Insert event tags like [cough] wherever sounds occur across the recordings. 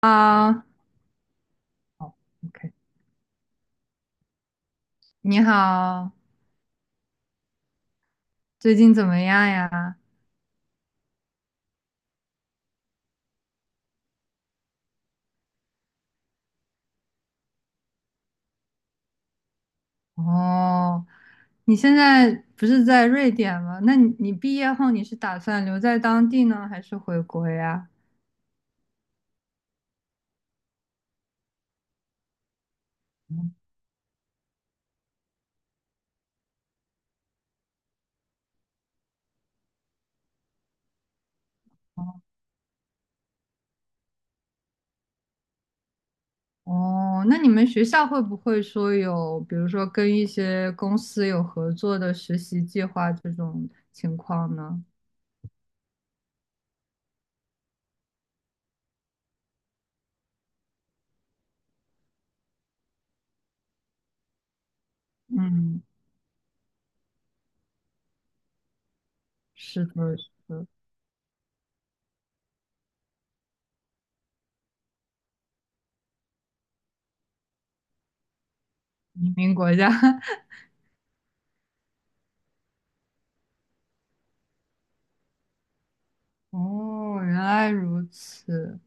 啊，好 OK，你好，最近怎么样呀？哦，你现在不是在瑞典吗？那你毕业后你是打算留在当地呢，还是回国呀？嗯。哦，那你们学校会不会说有，比如说跟一些公司有合作的实习计划这种情况呢？嗯，是的，是的，移民国家。[laughs] 哦，原来如此。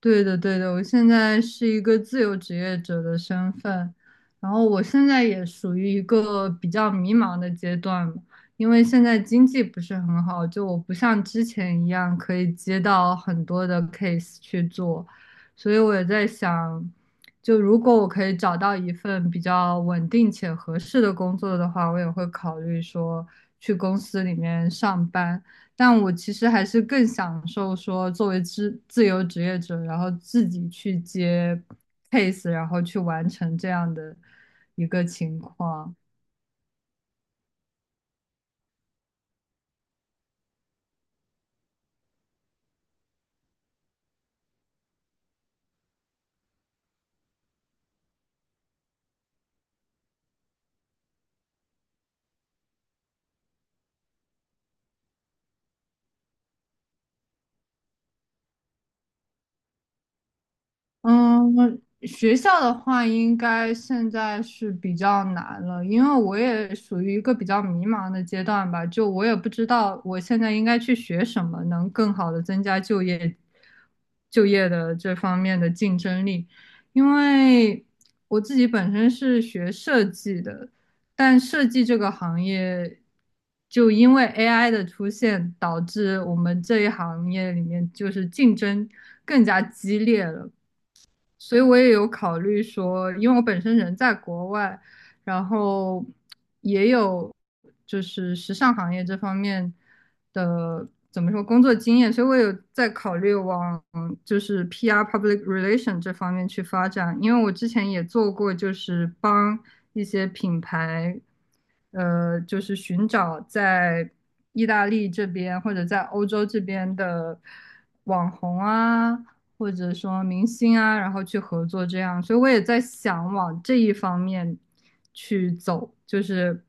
对的，对的，我现在是一个自由职业者的身份，然后我现在也属于一个比较迷茫的阶段嘛。因为现在经济不是很好，就我不像之前一样可以接到很多的 case 去做，所以我也在想，就如果我可以找到一份比较稳定且合适的工作的话，我也会考虑说去公司里面上班。但我其实还是更享受说作为自由职业者，然后自己去接 case，然后去完成这样的一个情况。嗯，学校的话，应该现在是比较难了，因为我也属于一个比较迷茫的阶段吧，就我也不知道我现在应该去学什么，能更好的增加就业的这方面的竞争力，因为我自己本身是学设计的，但设计这个行业，就因为 AI 的出现，导致我们这一行业里面就是竞争更加激烈了。所以我也有考虑说，因为我本身人在国外，然后也有就是时尚行业这方面的怎么说工作经验，所以我有在考虑往就是 PR public relation 这方面去发展，因为我之前也做过，就是帮一些品牌，就是寻找在意大利这边或者在欧洲这边的网红啊。或者说明星啊，然后去合作这样，所以我也在想往这一方面去走，就是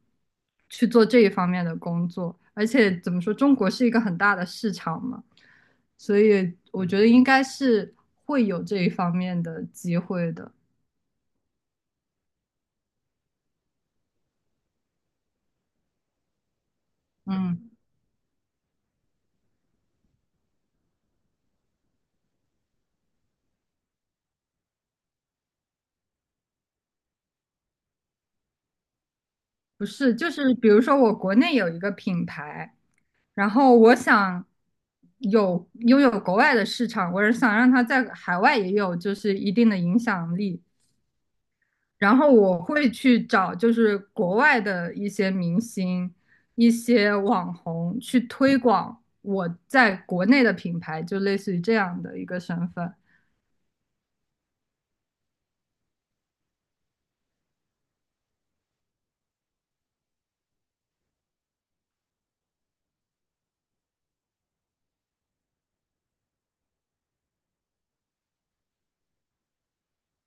去做这一方面的工作。而且怎么说，中国是一个很大的市场嘛，所以我觉得应该是会有这一方面的机会的。嗯，不是，就是比如说我国内有一个品牌，然后我想有拥有国外的市场，我是想让它在海外也有就是一定的影响力。然后我会去找就是国外的一些明星、一些网红去推广我在国内的品牌，就类似于这样的一个身份。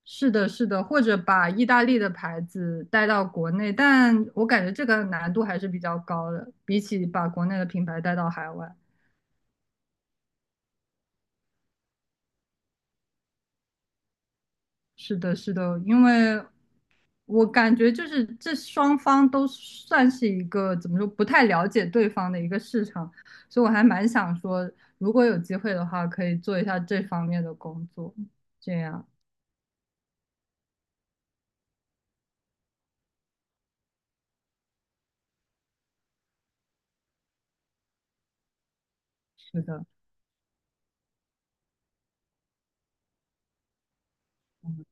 是的，是的，或者把意大利的牌子带到国内，但我感觉这个难度还是比较高的，比起把国内的品牌带到海外。是的，是的，因为我感觉就是这双方都算是一个怎么说不太了解对方的一个市场，所以我还蛮想说，如果有机会的话，可以做一下这方面的工作。这样，是的，嗯，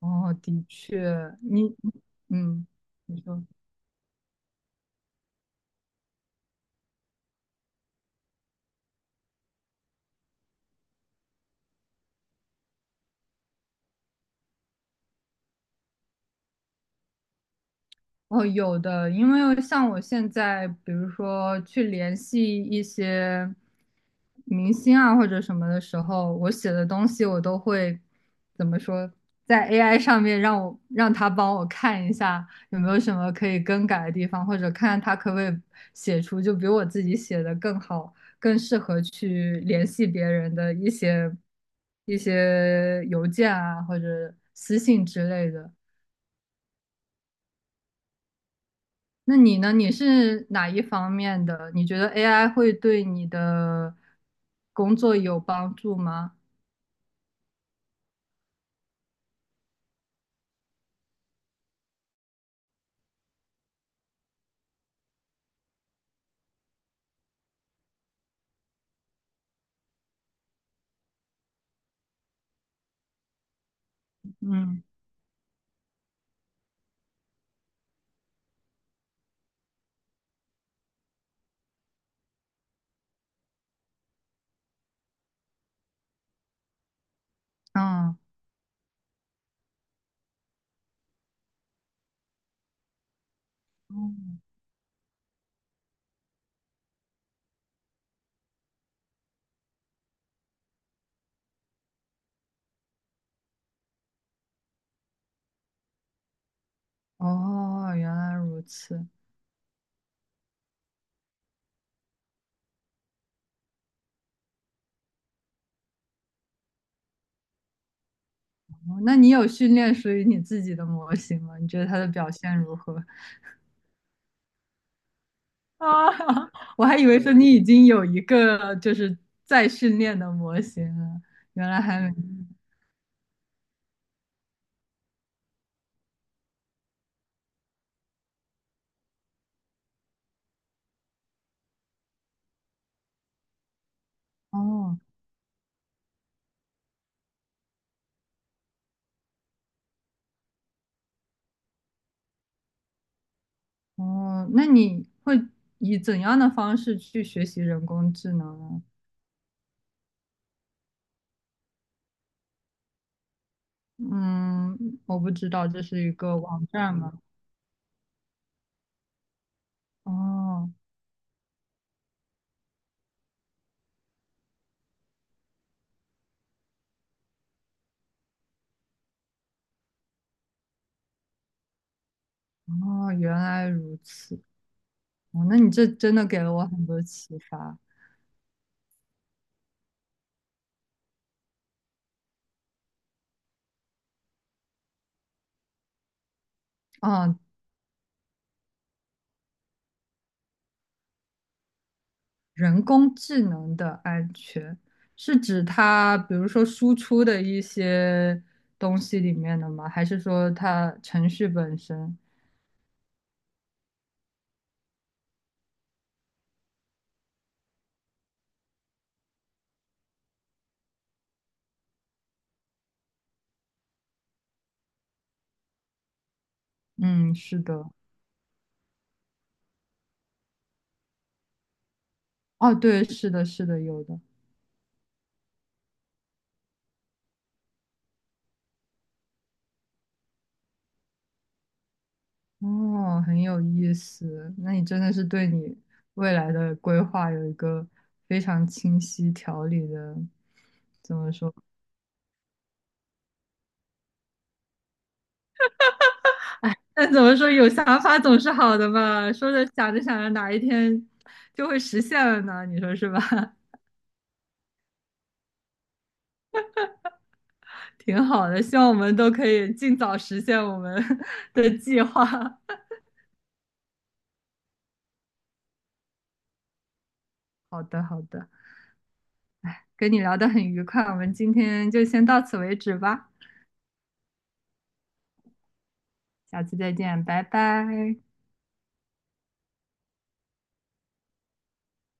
哦，的确，你，嗯，你说。哦，有的，因为像我现在，比如说去联系一些明星啊或者什么的时候，我写的东西我都会怎么说，在 AI 上面让他帮我看一下有没有什么可以更改的地方，或者看他可不可以写出就比我自己写的更好、更适合去联系别人的一些邮件啊或者私信之类的。那你呢？你是哪一方面的？你觉得 AI 会对你的工作有帮助吗？嗯。嗯。嗯。哦，原来如此。哦，那你有训练属于你自己的模型吗？你觉得它的表现如何？啊，[laughs] 我还以为说你已经有一个就是在训练的模型了，原来还没。哦哦，那你会以怎样的方式去学习人工智能呢？嗯，我不知道这是一个网站吗？哦哦，原来如此。哦，那你这真的给了我很多启发。哦，人工智能的安全是指它，比如说输出的一些东西里面的吗？还是说它程序本身？嗯，是的。哦，对，是的，是的，有的。哦，很有意思。那你真的是对你未来的规划有一个非常清晰条理的，怎么说？但怎么说，有想法总是好的吧？说着想着想着，哪一天就会实现了呢？你说是吧？[laughs] 挺好的，希望我们都可以尽早实现我们 [laughs] 的计划。[laughs] 好的，好的，跟你聊得很愉快，我们今天就先到此为止吧，下次再见，拜拜。